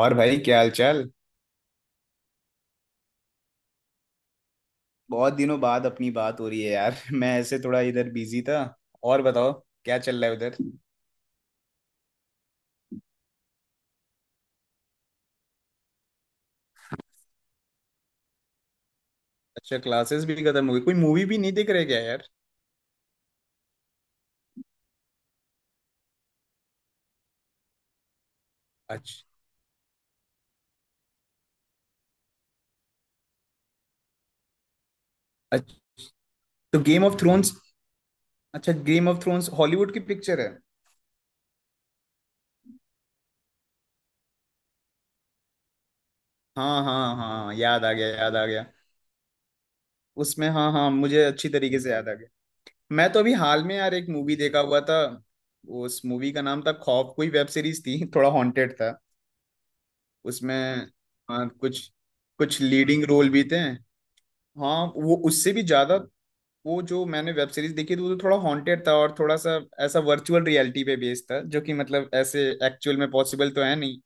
और भाई क्या हाल चाल। बहुत दिनों बाद अपनी बात हो रही है यार। मैं ऐसे थोड़ा इधर बिजी था। और बताओ क्या चल रहा है उधर। अच्छा, क्लासेस भी खत्म हो गई, कोई मूवी भी नहीं देख रहे क्या यार। अच्छा, अच्छा, तो गेम ऑफ थ्रोन्स। अच्छा, गेम ऑफ थ्रोन्स हॉलीवुड की पिक्चर है। हाँ हाँ हाँ, याद आ गया याद आ गया। उसमें हाँ हाँ, मुझे अच्छी तरीके से याद आ गया। मैं तो अभी हाल में यार एक मूवी देखा हुआ था। उस मूवी का नाम था खौफ, कोई वेब सीरीज थी। थोड़ा हॉन्टेड था उसमें। हाँ, कुछ, कुछ लीडिंग रोल भी थे। हाँ, वो उससे भी ज्यादा, वो जो मैंने वेब सीरीज देखी थी वो तो थोड़ा हॉन्टेड था और थोड़ा सा ऐसा वर्चुअल रियलिटी पे बेस्ड था, जो कि मतलब ऐसे एक्चुअल में पॉसिबल तो है नहीं।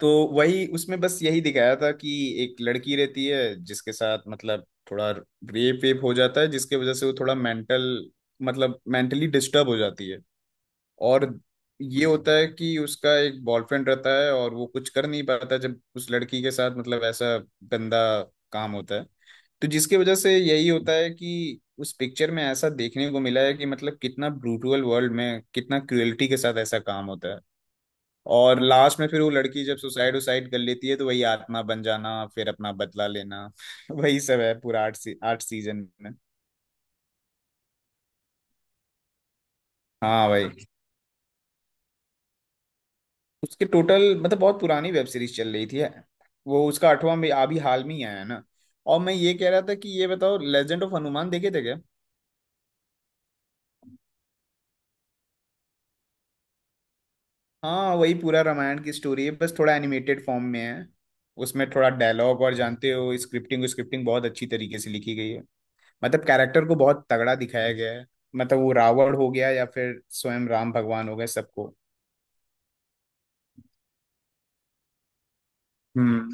तो वही उसमें बस यही दिखाया था कि एक लड़की रहती है, जिसके साथ मतलब थोड़ा रेप वेप हो जाता है, जिसके वजह से वो थोड़ा मेंटल, मतलब मेंटली डिस्टर्ब हो जाती है। और ये होता है कि उसका एक बॉयफ्रेंड रहता है और वो कुछ कर नहीं पाता जब उस लड़की के साथ मतलब ऐसा गंदा काम होता है। तो जिसकी वजह से यही होता है कि उस पिक्चर में ऐसा देखने को मिला है कि मतलब कितना ब्रूटल वर्ल्ड में कितना क्रुएल्टी के साथ ऐसा काम होता है। और लास्ट में फिर वो लड़की जब सुसाइड उसाइड कर लेती है, तो वही आत्मा बन जाना फिर अपना बदला लेना, वही सब है पूरा 8 सीजन में। हाँ भाई, उसके टोटल मतलब बहुत पुरानी वेब सीरीज चल रही थी है, वो उसका आठवां भी अभी हाल में ही आया है ना। और मैं ये कह रहा था कि ये बताओ, लेजेंड ऑफ हनुमान देखे थे क्या। हाँ, वही पूरा रामायण की स्टोरी है, बस थोड़ा एनिमेटेड फॉर्म में है। उसमें थोड़ा डायलॉग और जानते हो स्क्रिप्टिंग स्क्रिप्टिंग बहुत अच्छी तरीके से लिखी गई है। मतलब कैरेक्टर को बहुत तगड़ा दिखाया गया है, मतलब वो रावण हो गया या फिर स्वयं राम भगवान हो गए सबको। हम्म,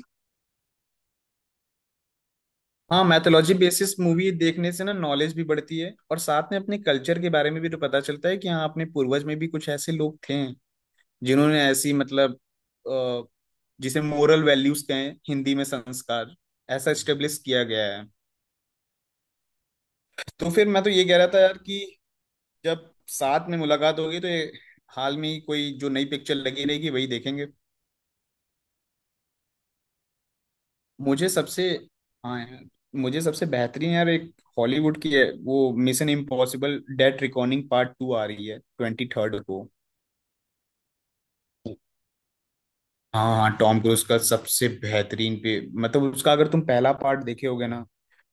हाँ, मैथोलॉजी बेसिस मूवी देखने से ना नॉलेज भी बढ़ती है और साथ में अपने कल्चर के बारे में भी तो पता चलता है कि हाँ अपने पूर्वज में भी कुछ ऐसे लोग थे, जिन्होंने ऐसी मतलब, अ, जिसे मोरल वैल्यूज कहें, हिंदी में संस्कार, ऐसा स्टेब्लिश किया गया है। तो फिर मैं तो ये कह रहा था यार कि जब साथ में मुलाकात होगी तो ये हाल में ही कोई जो नई पिक्चर लगी रहेगी वही देखेंगे। मुझे सबसे, हाँ यार, मुझे सबसे बेहतरीन यार एक हॉलीवुड की है, वो mission impossible dead recording part two आ रही है 23 को। हाँ हाँ, टॉम क्रूज का सबसे बेहतरीन पे, मतलब उसका अगर तुम पहला पार्ट देखे होगे ना,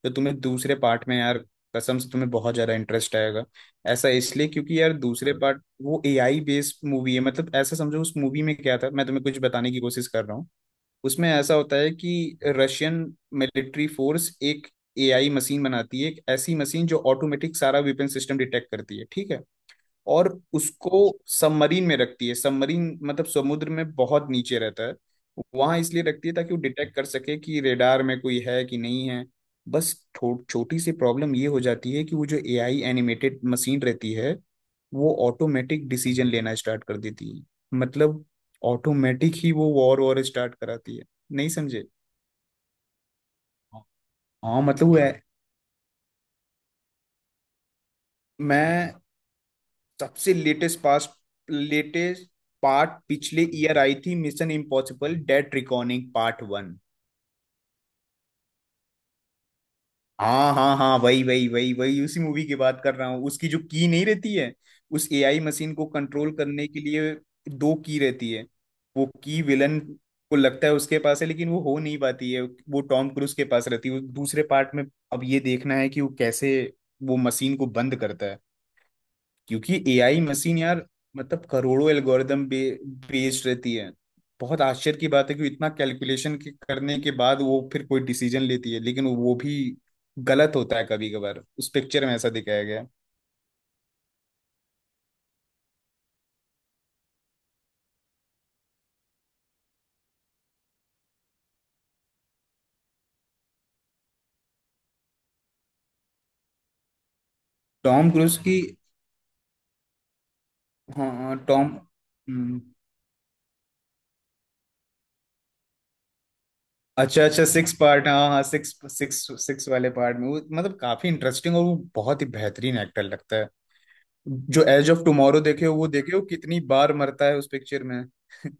तो तुम्हें दूसरे पार्ट में यार कसम से तुम्हें बहुत ज्यादा इंटरेस्ट आएगा। ऐसा इसलिए क्योंकि यार दूसरे पार्ट वो एआई बेस्ड मूवी है, मतलब ऐसा समझो उस मूवी में क्या था, मैं तुम्हें कुछ बताने की कोशिश कर रहा हूँ। उसमें ऐसा होता है कि रशियन मिलिट्री फोर्स एक एआई मशीन बनाती है, एक ऐसी मशीन जो ऑटोमेटिक सारा वेपन सिस्टम डिटेक्ट करती है, ठीक है। और उसको सबमरीन में रखती है, सबमरीन मतलब समुद्र में बहुत नीचे रहता है, वहां इसलिए रखती है ताकि वो डिटेक्ट कर सके कि रेडार में कोई है कि नहीं है। बस छोटी सी प्रॉब्लम ये हो जाती है कि वो जो एआई एनिमेटेड मशीन रहती है वो ऑटोमेटिक डिसीजन लेना स्टार्ट कर देती है। मतलब ऑटोमेटिक ही वो वॉर वॉर स्टार्ट कराती है, नहीं समझे। हाँ, मतलब वो है, मैं सबसे लेटेस्ट पास, लेटेस्ट पार्ट पिछले ईयर आई थी, mission impossible dead recording part one. हाँ हाँ हाँ, वही वही वही वही, उसी मूवी की बात कर रहा हूँ। उसकी जो की नहीं रहती है उस एआई मशीन को कंट्रोल करने के लिए, दो की रहती है। वो की विलन को लगता है उसके पास है, लेकिन वो हो नहीं पाती है, वो टॉम क्रूज के पास रहती है, वो दूसरे पार्ट में। अब ये देखना है कि वो कैसे वो मशीन को बंद करता है, क्योंकि एआई मशीन यार मतलब करोड़ों एल्गोरिदम बेस्ड रहती है। बहुत आश्चर्य की बात है कि इतना कैलकुलेशन के करने के बाद वो फिर कोई डिसीजन लेती है, लेकिन वो भी गलत होता है कभी कभार, उस पिक्चर में ऐसा दिखाया गया है। टॉम क्रूज की, हाँ हाँ, टॉम, हम्म, अच्छा अच्छा, सिक्स पार्ट, हाँ हाँ, सिक्स सिक्स, सिक्स वाले पार्ट में वो मतलब काफी इंटरेस्टिंग और वो बहुत ही बेहतरीन एक्टर लगता है। जो एज ऑफ टुमारो देखे हो, वो देखे हो कितनी बार मरता है उस पिक्चर में,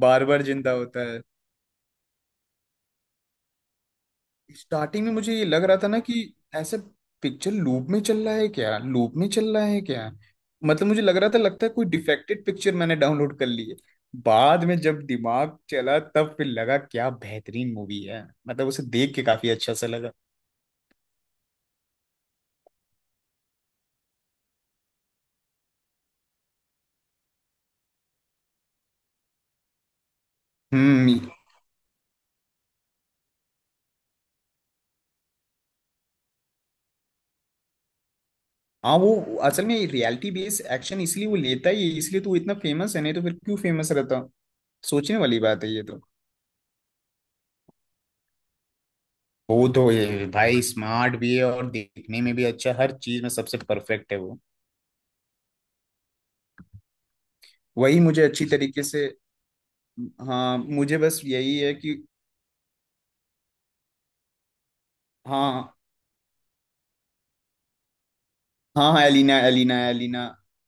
बार बार जिंदा होता है। स्टार्टिंग में मुझे ये लग रहा था ना कि ऐसे पिक्चर लूप में चल रहा है क्या, लूप में चल रहा है क्या, मतलब मुझे लग रहा था लगता है कोई डिफेक्टेड पिक्चर मैंने डाउनलोड कर ली है। बाद में जब दिमाग चला तब फिर लगा क्या बेहतरीन मूवी है, मतलब उसे देख के काफी अच्छा सा लगा। हम्म, हाँ, वो असल में रियलिटी बेस्ड एक्शन इसलिए वो लेता ही है, इसलिए तो वो इतना फेमस है, नहीं तो फिर क्यों फेमस रहता, सोचने वाली बात है ये तो। वो तो ये भाई स्मार्ट भी है और देखने में भी अच्छा, हर चीज में सबसे परफेक्ट है वो। वही मुझे अच्छी तरीके से, हाँ मुझे बस यही है कि, हाँ हाँ हाँ, Elina Elina Elina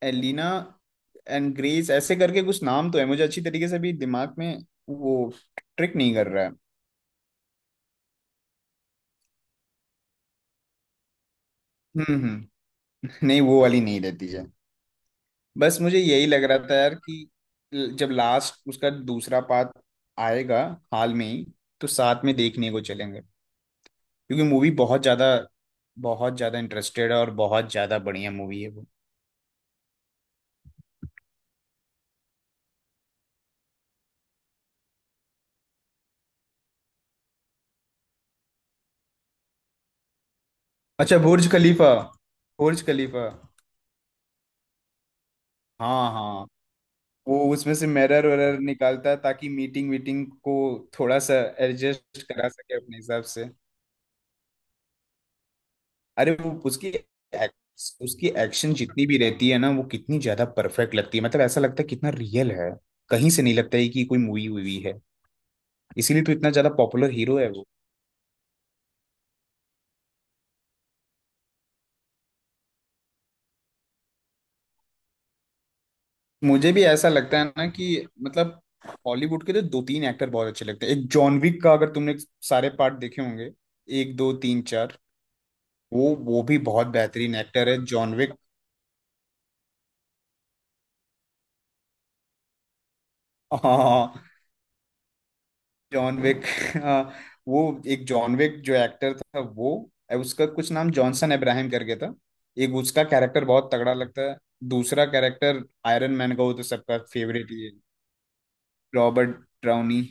Elina and Grace, ऐसे करके कुछ नाम तो है, मुझे अच्छी तरीके से भी दिमाग में वो ट्रिक नहीं कर रहा है। हम्म, नहीं वो वाली नहीं रहती है। बस मुझे यही लग रहा था यार कि जब लास्ट उसका दूसरा पार्ट आएगा हाल में ही, तो साथ में देखने को चलेंगे, क्योंकि मूवी बहुत ज्यादा, बहुत ज्यादा इंटरेस्टेड है और बहुत ज्यादा बढ़िया मूवी है वो। अच्छा बुर्ज खलीफा, बुर्ज खलीफा, हाँ हाँ। वो उसमें से मिरर वरर निकालता है ताकि मीटिंग वीटिंग को थोड़ा सा एडजस्ट करा सके अपने हिसाब से। अरे वो उसकी एक्शन जितनी भी रहती है ना वो कितनी ज्यादा परफेक्ट लगती है, मतलब ऐसा लगता है कितना रियल है, कहीं से नहीं लगता है कि कोई मूवी हुई है। इसीलिए तो इतना ज्यादा पॉपुलर हीरो है वो। मुझे भी ऐसा लगता है ना कि मतलब हॉलीवुड के तो दो तीन एक्टर बहुत अच्छे लगते हैं, एक जॉन विक का, अगर तुमने सारे पार्ट देखे होंगे, एक दो तीन चार, वो भी बहुत बेहतरीन एक्टर है जॉन विक। हाँ जॉन विक, हाँ, वो एक जॉन विक जो एक्टर था, वो, उसका कुछ नाम जॉनसन इब्राहिम करके था, एक उसका कैरेक्टर बहुत तगड़ा लगता है। दूसरा कैरेक्टर आयरन मैन का, वो तो सबका फेवरेट ही है, रॉबर्ट ड्राउनी,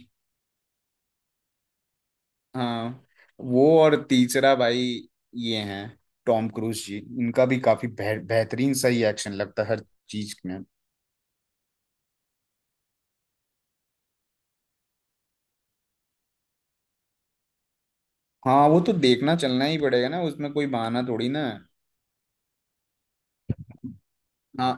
हाँ वो, और तीसरा भाई ये हैं टॉम क्रूज जी, इनका भी काफी बेहतरीन सही एक्शन लगता है हर चीज में। हाँ वो तो देखना चलना ही पड़ेगा ना, उसमें कोई बहाना थोड़ी ना है।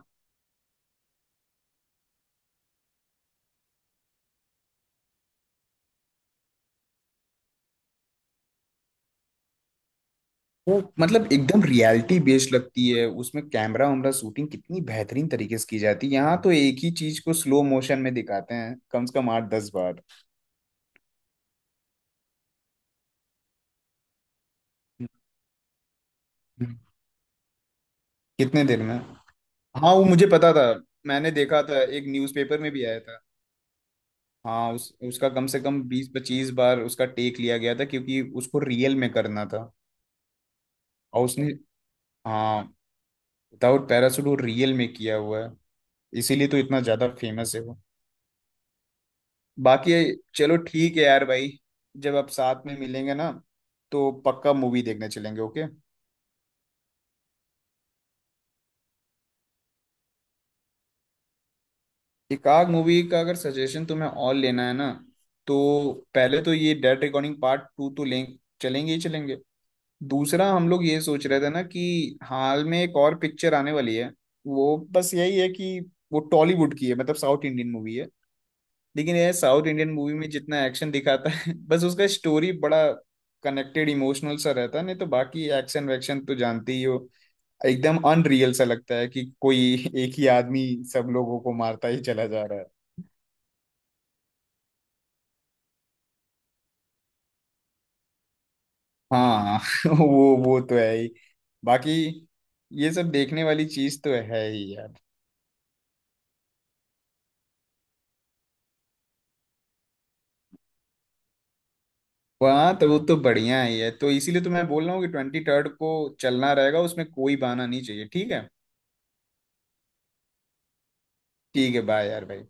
वो मतलब एकदम रियलिटी बेस्ड लगती है, उसमें कैमरा वैमरा शूटिंग कितनी बेहतरीन तरीके से की जाती है, यहाँ तो एक ही चीज को स्लो मोशन में दिखाते हैं कम से कम 8-10 बार। कितने दिन में, हाँ वो मुझे पता था, मैंने देखा था एक न्यूज़पेपर में भी आया था। हाँ उस उसका कम से कम 20-25 बार उसका टेक लिया गया था, क्योंकि उसको रियल में करना था। और उसने, हाँ, विदाउट पैराशूट वो रियल में किया हुआ है, इसीलिए तो इतना ज्यादा फेमस है वो। बाकी चलो ठीक है यार भाई, जब आप साथ में मिलेंगे ना तो पक्का मूवी देखने चलेंगे, ओके। एकाग मूवी का अगर सजेशन तुम्हें और लेना है ना, तो पहले तो ये डेड रिकॉर्डिंग पार्ट टू तो लें, चलेंगे ही चलेंगे। दूसरा हम लोग ये सोच रहे थे ना कि हाल में एक और पिक्चर आने वाली है, वो बस यही है कि वो टॉलीवुड की है, मतलब साउथ इंडियन मूवी है, लेकिन ये साउथ इंडियन मूवी में जितना एक्शन दिखाता है, बस उसका स्टोरी बड़ा कनेक्टेड इमोशनल सा रहता है, नहीं तो बाकी एक्शन वैक्शन तो जानते ही हो, एकदम अनरियल सा लगता है कि कोई एक ही आदमी सब लोगों को मारता ही चला जा रहा है। हाँ, वो तो है ही, बाकी ये सब देखने वाली चीज तो है ही यार। वहाँ तो वो तो बढ़िया ही है, तो इसीलिए तो मैं बोल रहा हूँ कि 23 को चलना रहेगा, उसमें कोई बहाना नहीं चाहिए, ठीक है। ठीक है, बाय यार भाई।